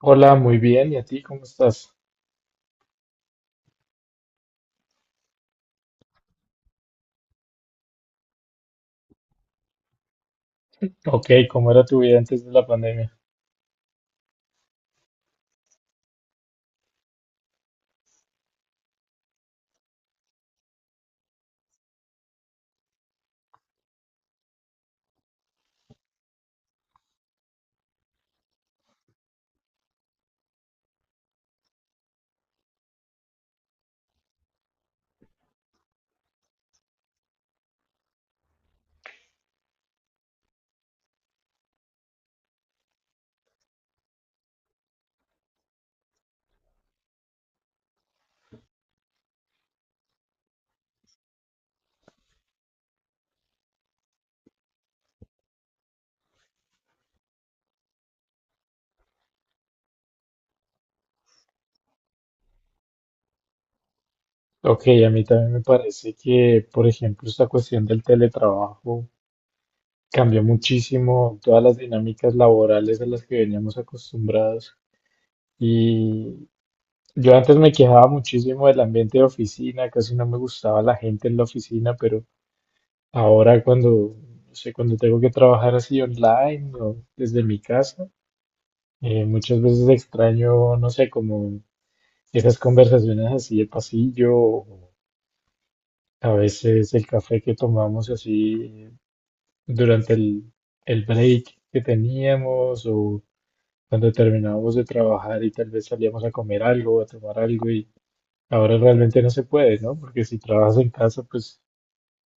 Hola, muy bien. ¿Y a ti cómo estás? Ok, ¿cómo era tu vida antes de la pandemia? Ok, a mí también me parece que, por ejemplo, esta cuestión del teletrabajo cambió muchísimo todas las dinámicas laborales a las que veníamos acostumbrados. Y yo antes me quejaba muchísimo del ambiente de oficina, casi no me gustaba la gente en la oficina, pero ahora cuando, no sé, cuando tengo que trabajar así online o desde mi casa, muchas veces extraño, no sé, como esas conversaciones así el pasillo, o a veces el café que tomamos así durante el break que teníamos o cuando terminábamos de trabajar y tal vez salíamos a comer algo, a tomar algo y ahora realmente no se puede, ¿no? Porque si trabajas en casa, pues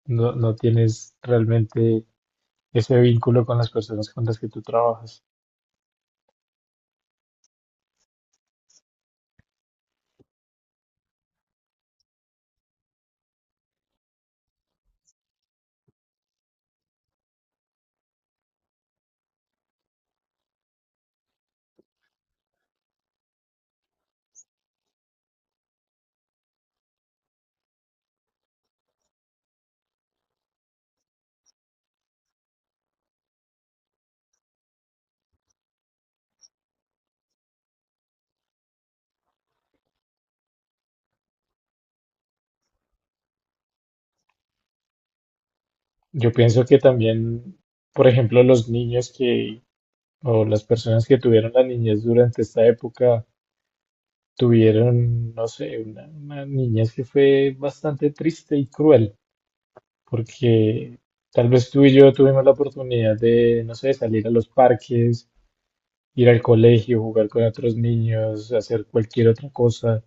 no tienes realmente ese vínculo con las personas con las que tú trabajas. Yo pienso que también, por ejemplo, los niños que o las personas que tuvieron la niñez durante esta época, tuvieron, no sé, una niñez que fue bastante triste y cruel, porque tal vez tú y yo tuvimos la oportunidad de, no sé, salir a los parques, ir al colegio, jugar con otros niños, hacer cualquier otra cosa.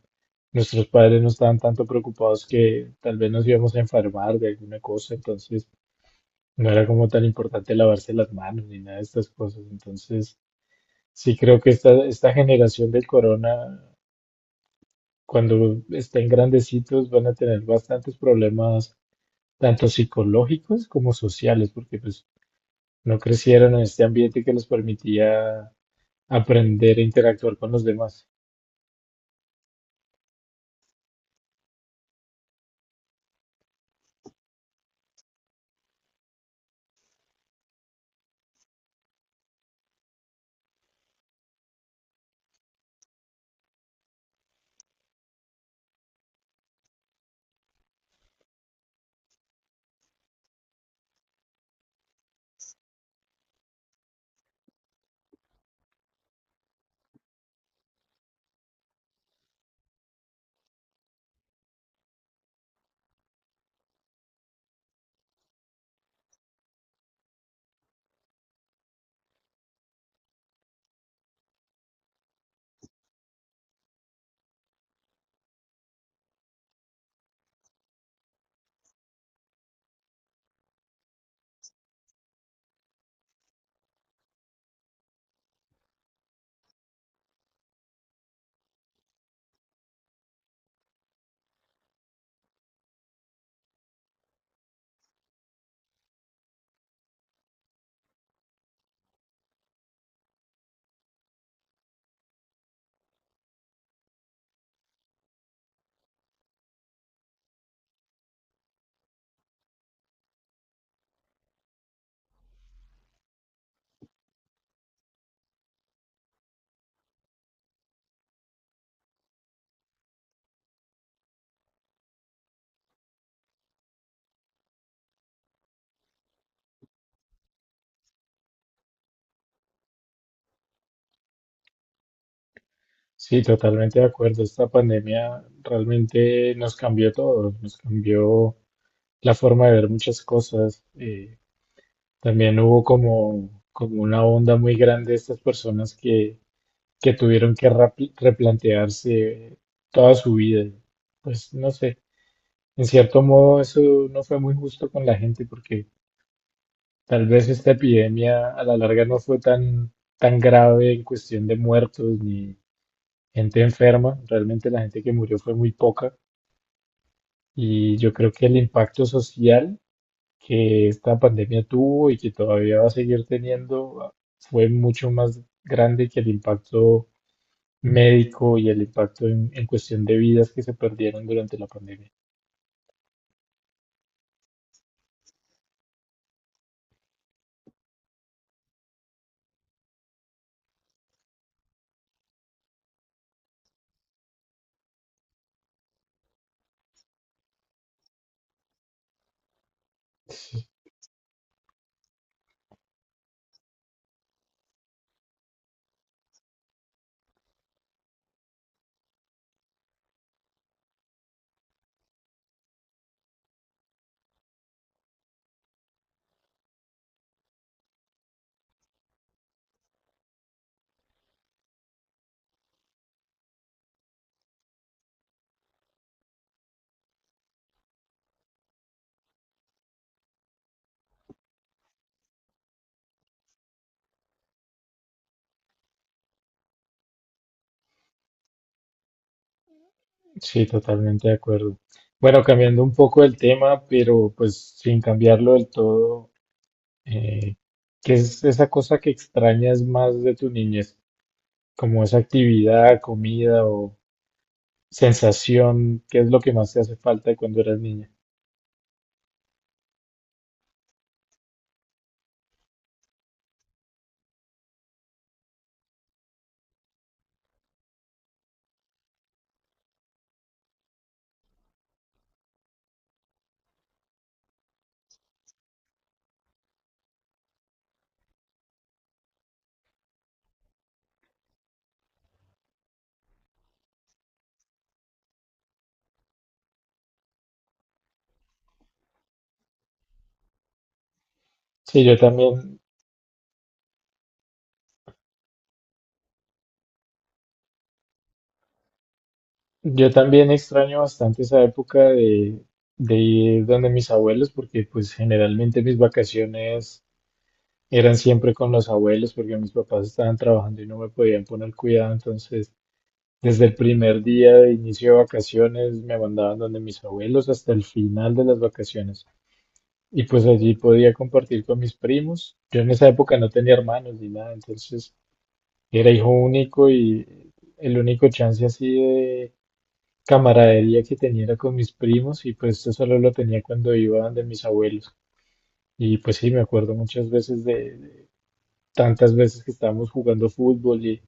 Nuestros padres no estaban tanto preocupados que tal vez nos íbamos a enfermar de alguna cosa, entonces no era como tan importante lavarse las manos ni nada de estas cosas. Entonces, sí creo que esta generación del corona, cuando estén grandecitos, van a tener bastantes problemas, tanto psicológicos como sociales, porque pues no crecieron en este ambiente que les permitía aprender e interactuar con los demás. Sí, totalmente de acuerdo. Esta pandemia realmente nos cambió todo, nos cambió la forma de ver muchas cosas. También hubo como, como una onda muy grande de estas personas que tuvieron que replantearse toda su vida. Pues no sé, en cierto modo, eso no fue muy justo con la gente porque tal vez esta epidemia a la larga no fue tan grave en cuestión de muertos ni gente enferma. Realmente la gente que murió fue muy poca y yo creo que el impacto social que esta pandemia tuvo y que todavía va a seguir teniendo fue mucho más grande que el impacto médico y el impacto en cuestión de vidas que se perdieron durante la pandemia. Sí, totalmente de acuerdo. Bueno, cambiando un poco el tema, pero pues sin cambiarlo del todo, eh, ¿qué es esa cosa que extrañas más de tu niñez? Como esa actividad, comida o sensación, ¿qué es lo que más te hace falta de cuando eras niña? Sí, yo también extraño bastante esa época de ir donde mis abuelos, porque pues generalmente mis vacaciones eran siempre con los abuelos, porque mis papás estaban trabajando y no me podían poner cuidado, entonces... Desde el primer día de inicio de vacaciones me mandaban donde mis abuelos hasta el final de las vacaciones. Y pues allí podía compartir con mis primos. Yo en esa época no tenía hermanos ni nada, entonces era hijo único y el único chance así de camaradería que tenía era con mis primos y pues esto solo lo tenía cuando iba donde mis abuelos. Y pues sí, me acuerdo muchas veces de tantas veces que estábamos jugando fútbol y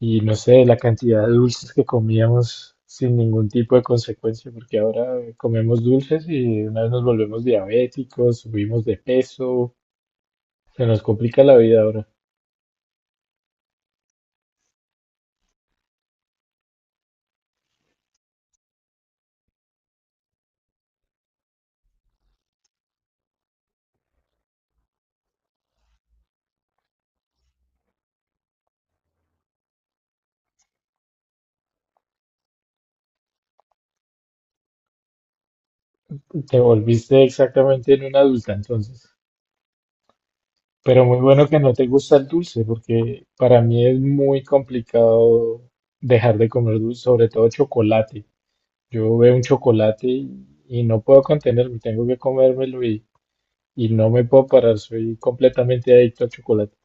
Y no sé, la cantidad de dulces que comíamos sin ningún tipo de consecuencia, porque ahora comemos dulces y de una vez nos volvemos diabéticos, subimos de peso, se nos complica la vida ahora. Te volviste exactamente en una adulta entonces. Pero muy bueno que no te gusta el dulce, porque para mí es muy complicado dejar de comer dulce, sobre todo chocolate. Yo veo un chocolate y no puedo contenerme, tengo que comérmelo y no me puedo parar, soy completamente adicto al chocolate.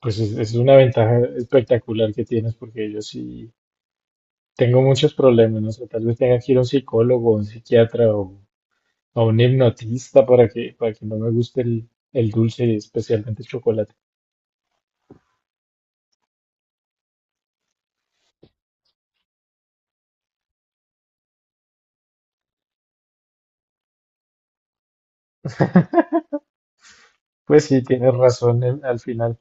Pues es una ventaja espectacular que tienes porque yo sí tengo muchos problemas, no sé, tal vez tenga que ir a un psicólogo, a un psiquiatra o a un hipnotista para que no me guste el dulce y especialmente el chocolate. Pues sí, tienes razón en- al final.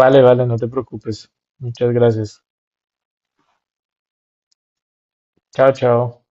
Vale, vale, no te preocupes. Muchas gracias. Chao, chao.